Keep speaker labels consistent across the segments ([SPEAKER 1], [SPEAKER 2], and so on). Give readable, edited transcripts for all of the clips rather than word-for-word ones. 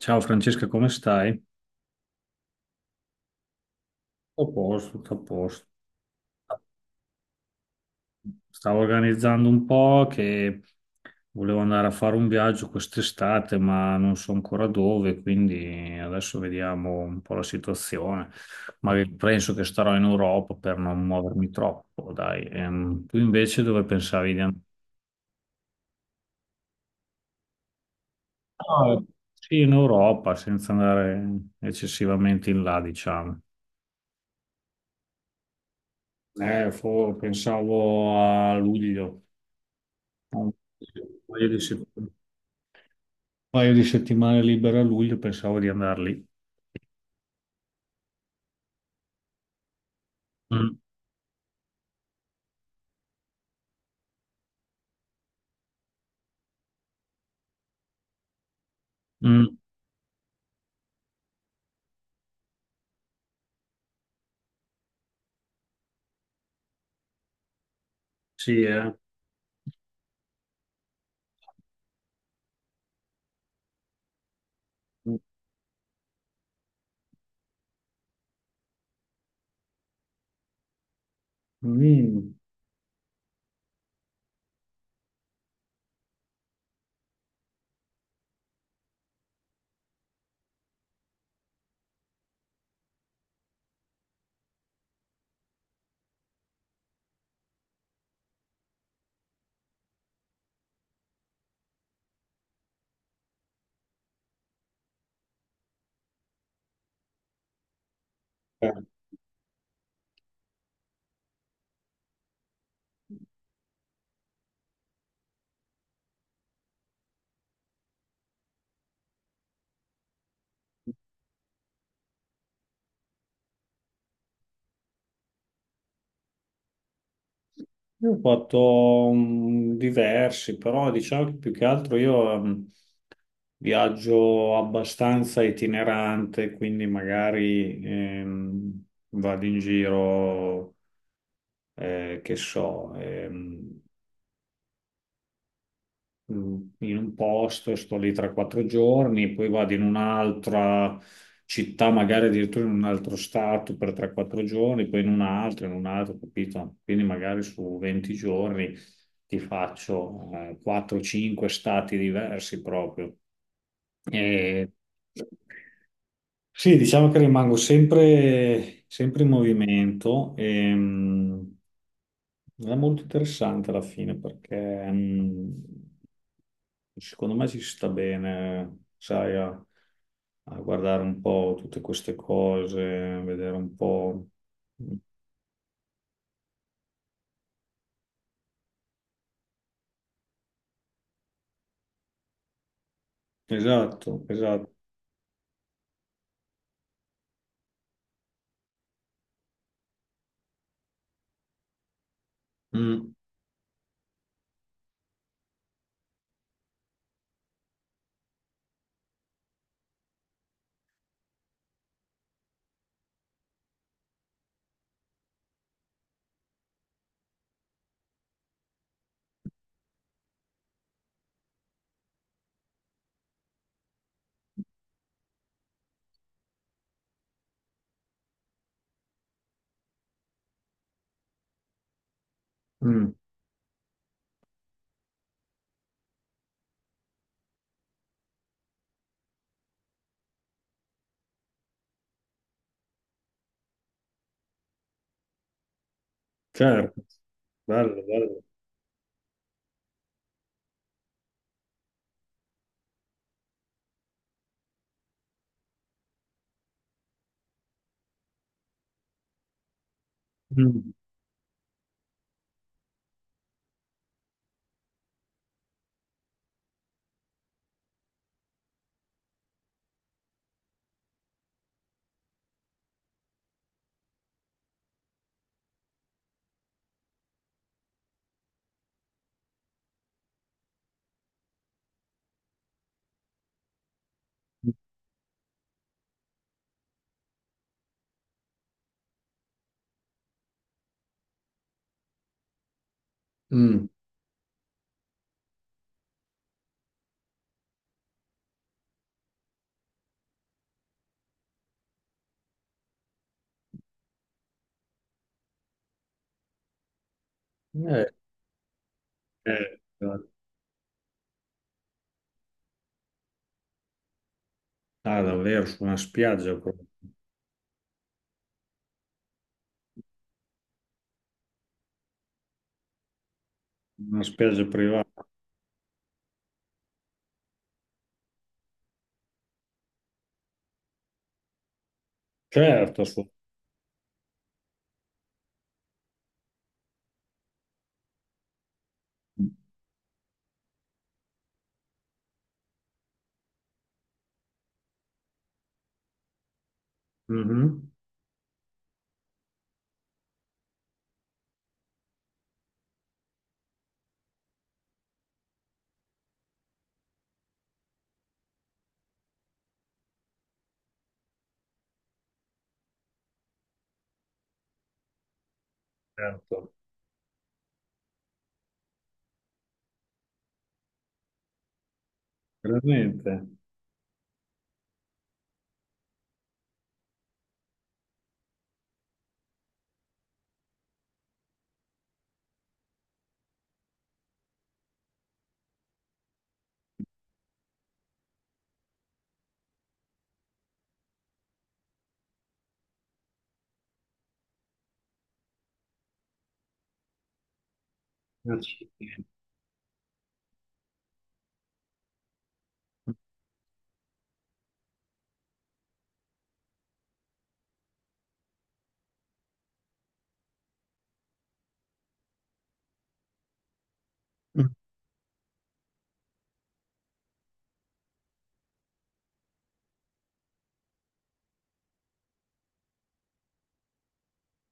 [SPEAKER 1] Ciao Francesca, come stai? Tutto a posto, tutto a posto. Stavo organizzando un po' che volevo andare a fare un viaggio quest'estate, ma non so ancora dove, quindi adesso vediamo un po' la situazione. Ma penso che starò in Europa per non muovermi troppo, dai. Tu invece dove pensavi di andare? No, sì, in Europa, senza andare eccessivamente in là, diciamo. Pensavo a luglio. Un paio di settimane. Paio di settimane libera a luglio, pensavo di andar lì. Mm, mm, Sì, eh. Mm. Eh. Io ho fatto diversi, però diciamo che più che altro io viaggio abbastanza itinerante, quindi magari vado in giro, che so, in un posto, sto lì 3-4 giorni, poi vado in un'altra città, magari addirittura in un altro stato per 3-4 giorni, poi in un altro, capito? Quindi magari su 20 giorni ti faccio 4-5 stati diversi proprio. E... Sì, diciamo che rimango sempre in movimento e è molto interessante alla fine perché secondo me ci sta bene, sai, a guardare un po' tutte queste cose, vedere un po'. Esatto, esatto. Mm, mm, certo, bello, bello. Mm, mm. Eh, eh, ah, davvero, su una spiaggia proprio, una spiaggia privata. Certo, su- Mhm, certo, veramente. Accidenti.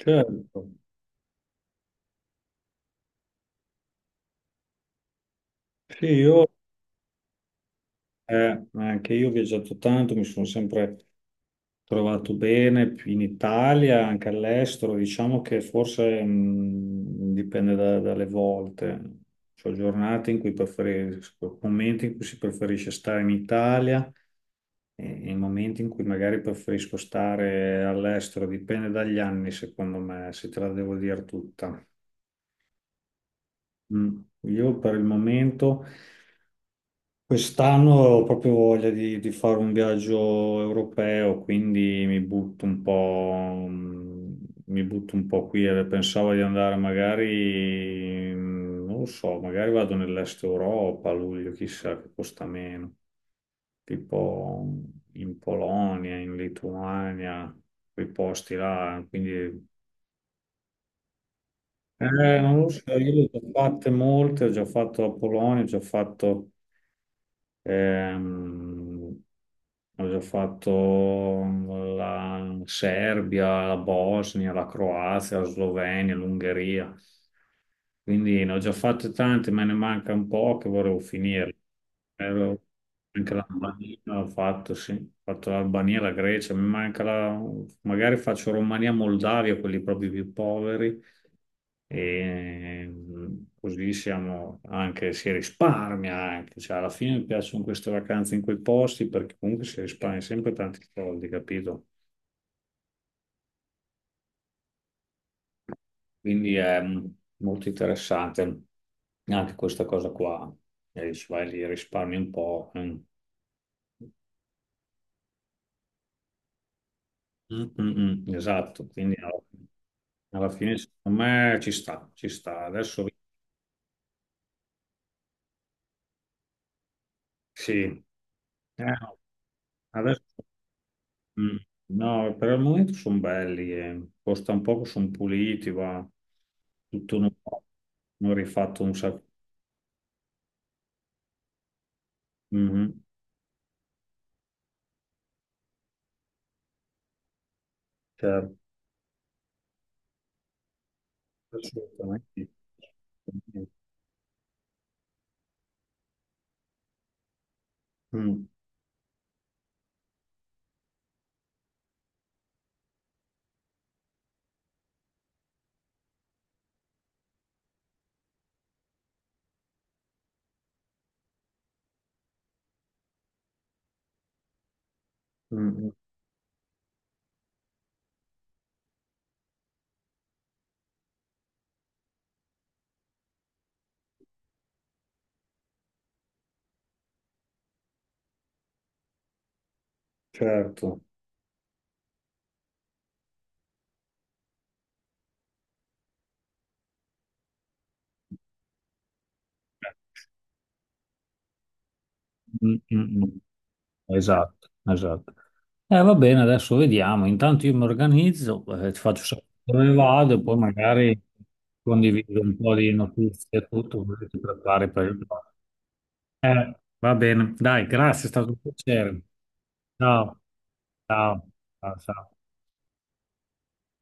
[SPEAKER 1] Certo. Sì, io. Anche io ho viaggiato tanto, mi sono sempre trovato bene in Italia, anche all'estero. Diciamo che forse dipende dalle volte. C'ho giornate in cui preferisco, momenti in cui si preferisce stare in Italia e momenti in cui magari preferisco stare all'estero. Dipende dagli anni, secondo me, se te la devo dire tutta. Mm. Io per il momento. Quest'anno ho proprio voglia di fare un viaggio europeo, quindi mi butto un po', mm, mi butto un po' qui. Pensavo di andare magari, non lo so, magari vado nell'est Europa a luglio, chissà che costa meno, tipo in Polonia, in Lituania, quei posti là, quindi... non lo so, io le ho già fatte molte, ho già fatto la Polonia, ho già fatto... Ehm, avevo fatto la Serbia, la Bosnia, la Croazia, la Slovenia, l'Ungheria. Quindi ne ho già fatte tante, me ne manca un po' che volevo finire. Ero- anche l'Albania l'ho fatto, sì. Ho fatto l'Albania, la Grecia, mi manca la... magari faccio Romania, Moldavia, quelli proprio più poveri e così siamo anche, si risparmia anche, cioè alla fine mi piacciono queste vacanze in quei posti perché comunque si risparmia sempre tanti soldi, capito? Quindi è molto interessante anche questa cosa qua, e dici vai lì risparmi un po'. Mm. Mm, mm, mm, esatto, quindi alla fine secondo me ci sta, ci sta. Adesso sì, eh, no, adesso. Mm. No, per il momento sono belli, eh. Costa un poco, sono puliti, va tutto nuovo, non rifatto un sacco. Mhm, certo, assolutamente, sì. Mm, mm, mm, certo. Mm, mm, mm. Esatto, esatto. Va bene, adesso vediamo. Intanto io mi organizzo, ti faccio sapere dove vado e poi magari condivido un po' di notizie e tutto, così ti prepari per il... Eh, va bene, dai, grazie, è stato un piacere. Ciao, ciao, ciao, ciao.